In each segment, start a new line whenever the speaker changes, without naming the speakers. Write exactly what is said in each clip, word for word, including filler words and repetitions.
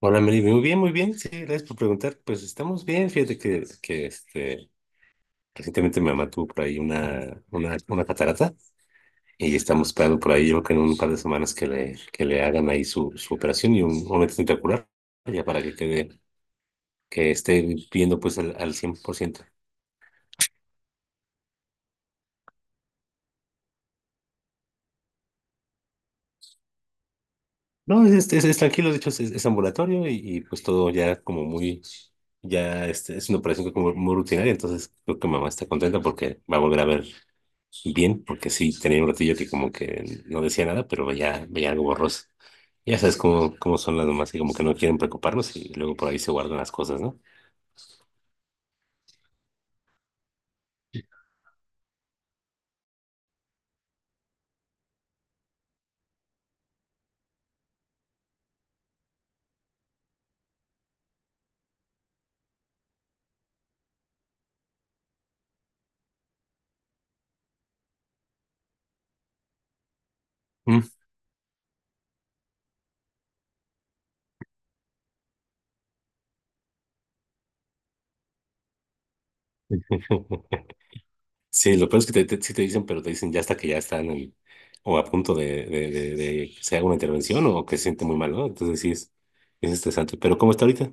Hola, Mary. Muy bien, muy bien. Sí, gracias por preguntar. Pues estamos bien. Fíjate que, que este, recientemente mi mamá tuvo por ahí una, una, una catarata y estamos esperando por ahí, yo creo que en un par de semanas que le, que le hagan ahí su, su operación y un momento espectacular ya para que quede, que esté viendo pues al, al cien por ciento. No, es, es, es tranquilo. De hecho, es, es ambulatorio y, y, pues todo ya como muy, ya este, es una operación como muy rutinaria, entonces creo que mamá está contenta porque va a volver a ver bien, porque sí, tenía un ratillo que como que no decía nada, pero veía, veía algo borroso. Ya sabes cómo, cómo son las mamás que como que no quieren preocuparnos y luego por ahí se guardan las cosas, ¿no? Mm. Sí, lo peor es que te, te- sí te dicen, pero te dicen ya hasta que ya están en- o a punto de, de, de, de que se haga una intervención o que se siente muy mal, ¿no? Entonces sí es, es estresante. Pero ¿cómo está ahorita?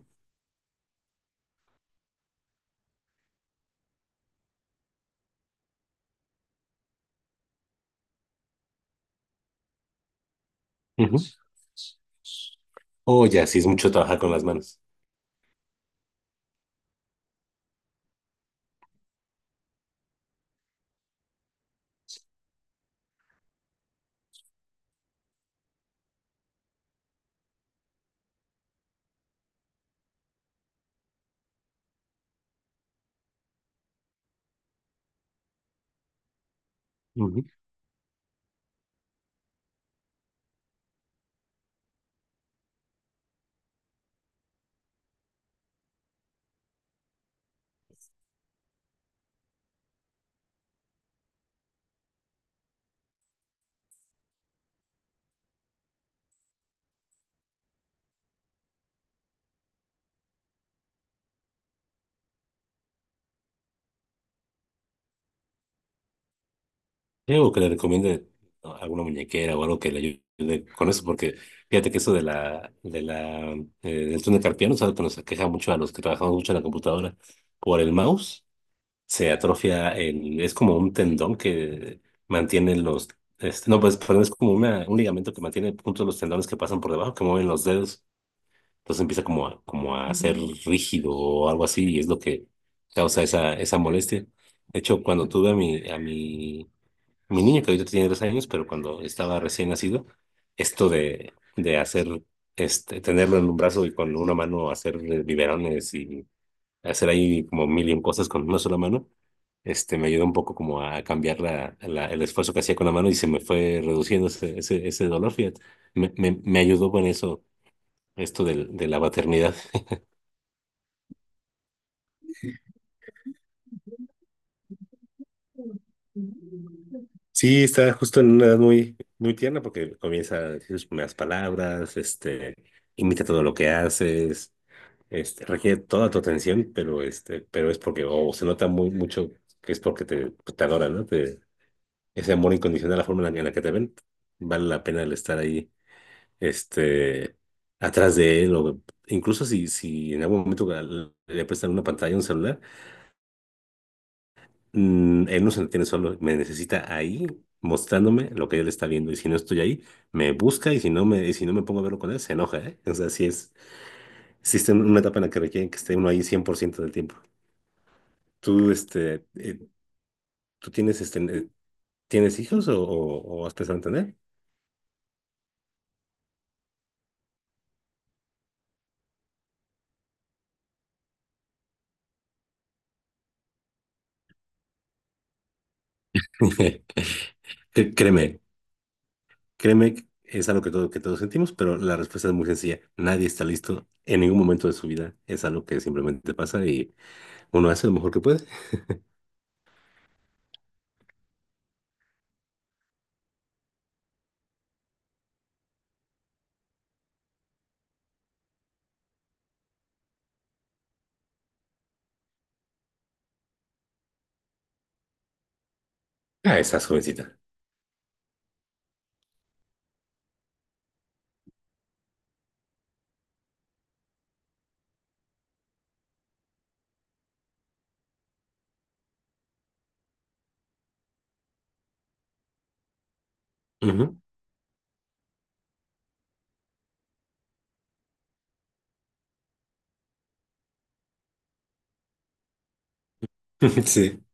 Ujú. Oh, ya, sí es mucho trabajar con las manos. Sí, o que le recomiende, ¿no?, alguna muñequera o algo que le ayude con eso, porque fíjate que eso de la, de la, eh, del túnel carpiano es algo que nos aqueja mucho a los que trabajamos mucho en la computadora. Por el mouse se atrofia el, es como un tendón que mantiene los, este, no, pues, perdón, es como una, un ligamento que mantiene juntos los tendones que pasan por debajo, que mueven los dedos. Entonces empieza como a, como a ser rígido o algo así, y es lo que causa esa, esa molestia. De hecho, cuando tuve a mi, a mi mi niño que ahorita tiene dos años, pero cuando estaba recién nacido, esto de, de hacer, este, tenerlo en un brazo y con una mano hacer eh, biberones y hacer ahí como mil y un cosas con una sola mano, este, me ayudó un poco como a cambiar la, la- el esfuerzo que hacía con la mano y se me fue reduciendo ese, ese, ese dolor, fíjate. Me, me, me ayudó con eso, esto del- de la paternidad. Sí, está justo en una edad muy, muy tierna porque comienza a decir sus primeras palabras, este, imita todo lo que haces, este, requiere toda tu atención, pero este, pero es porque, o se nota muy mucho que es porque te, pues, te adora, ¿no? Te- ese amor incondicional, la forma en la, que en la que te ven, vale la pena el estar ahí, este, atrás de él, o incluso si, si en algún momento le prestan una pantalla, un celular. Mm, él no se entiende solo, me necesita ahí mostrándome lo que él está viendo y si no estoy ahí, me busca y si no me, y si no me pongo a verlo con él, se enoja, ¿eh? O sea, sí es, existe una etapa en la que requieren que esté uno ahí cien por ciento del tiempo. ¿Tú, este, eh, tú tienes, este, eh, tienes hijos o, o, o has pensado en tener? Cre- Créeme, créeme, que es algo que, todo, que todos sentimos, pero la respuesta es muy sencilla. Nadie está listo en ningún momento de su vida. Es algo que simplemente pasa y uno hace lo mejor que puede. Ah, estás jovencita. Ujú. Sí.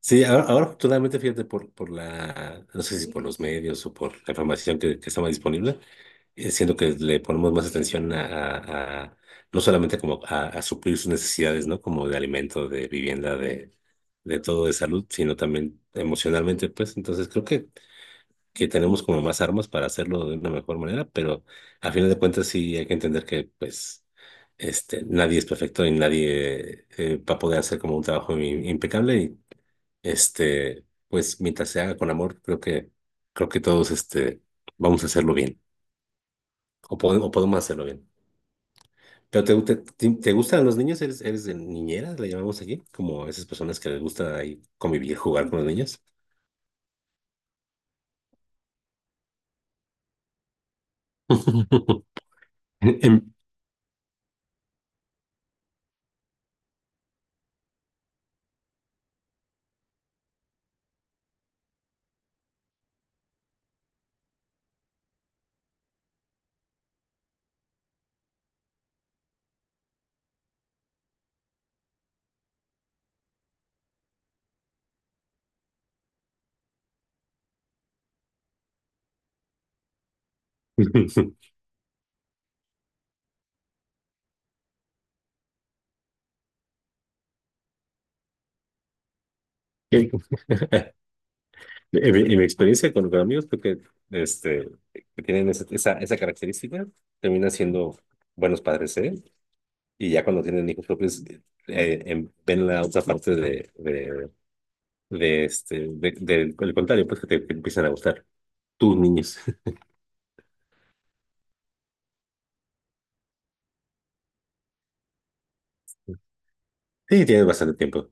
Sí, ahora, ahora afortunadamente, fíjate, por, por la, no sé si por los medios o por la información que, que está más disponible, eh, siento que le ponemos más atención a, a- a- no solamente como a, a suplir sus necesidades, ¿no? Como de alimento, de vivienda, de, de todo, de salud, sino también emocionalmente, pues. Entonces creo que, que tenemos como más armas para hacerlo de una mejor manera, pero a final de cuentas sí hay que entender que, pues, este, nadie es perfecto y nadie eh, va a poder hacer como un trabajo im- impecable, este, pues mientras se haga con amor, creo que, creo que todos este, vamos a hacerlo bien, o podemos, o podemos hacerlo bien. ¿Pero te, te, te- te gustan los niños? ¿Eres, eres de niñeras, le llamamos aquí? Como esas personas que les gusta ahí convivir, jugar con los niños. En, en- en mi en mi experiencia con, con amigos, creo que, este, que tienen esa, esa, esa característica, terminan siendo buenos padres, ¿eh? Y ya cuando tienen hijos propios, eh, em- ven la otra parte de, de este, de, del del contrario, pues que te, que empiezan a gustar tus niños. Sí, tienes bastante tiempo.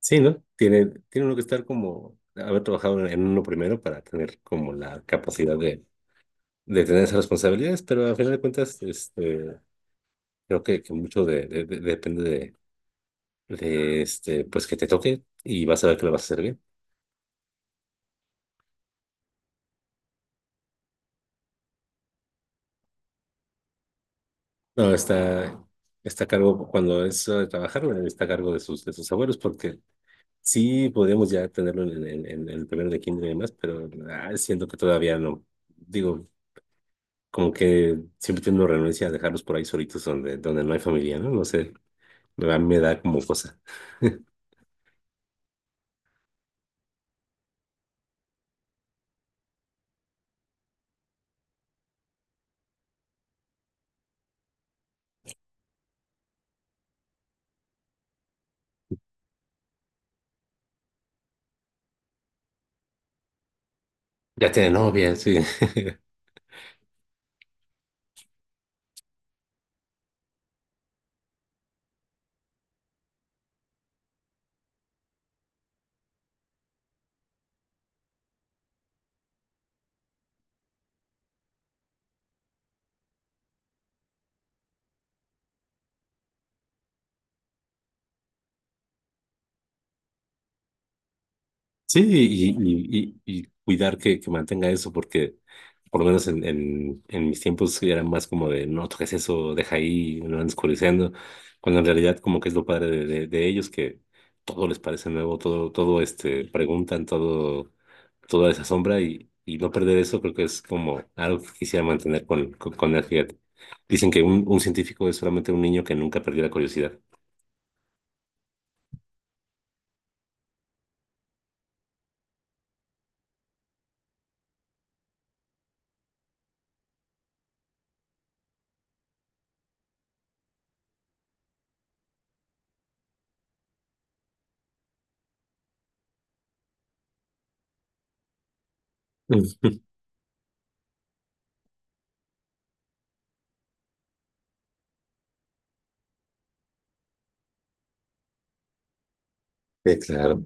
Sí, ¿no? Tiene, tiene uno que estar como, haber trabajado en, en uno primero para tener como la capacidad de, de tener esas responsabilidades, pero al final de cuentas, este, creo que, que mucho de, de- de- depende de, de, este, pues que te toque y vas a ver que lo vas a hacer bien. No, está, está a cargo, cuando es hora de trabajar, está a cargo de sus, de sus abuelos, porque sí, podríamos ya tenerlo en, en- en el primero de kinder y demás, pero ah, siento que todavía no. Digo, como que siempre tengo renuncia a dejarlos por ahí solitos donde, donde no hay familia, ¿no? No sé, a mí me da como cosa. Ya tiene novia, sí. Sí, y, y, y, y cuidar que, que mantenga eso, porque por lo menos en, en, en mis tiempos era más como de no toques eso, deja ahí, lo van oscureciendo, cuando en realidad como que es lo padre de, de, de ellos, que todo les parece nuevo, todo, todo este, preguntan, todo, toda esa sombra y, y no perder eso creo que es como algo que quisiera mantener con, con, con él, fíjate. Dicen que un, un científico es solamente un niño que nunca perdió la curiosidad. Sí, claro.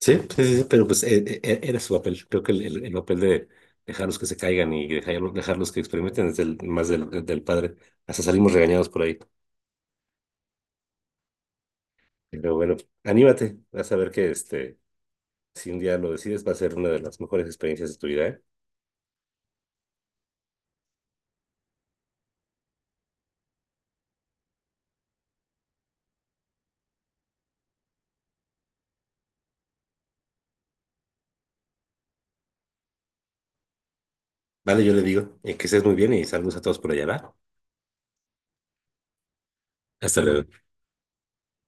Sí, sí, sí, sí, pero pues e- e- era su papel. Creo que el, el- el papel de dejarlos que se caigan y dejarlos, dejarlos que experimenten es el, más del, del padre. Hasta salimos regañados por ahí. Pero bueno, anímate. Vas a ver que este, si un día lo decides, va a ser una de las mejores experiencias de tu vida, ¿eh? Vale, yo le digo. Eh, que estés muy bien y saludos a todos por allá, ¿va? Hasta luego.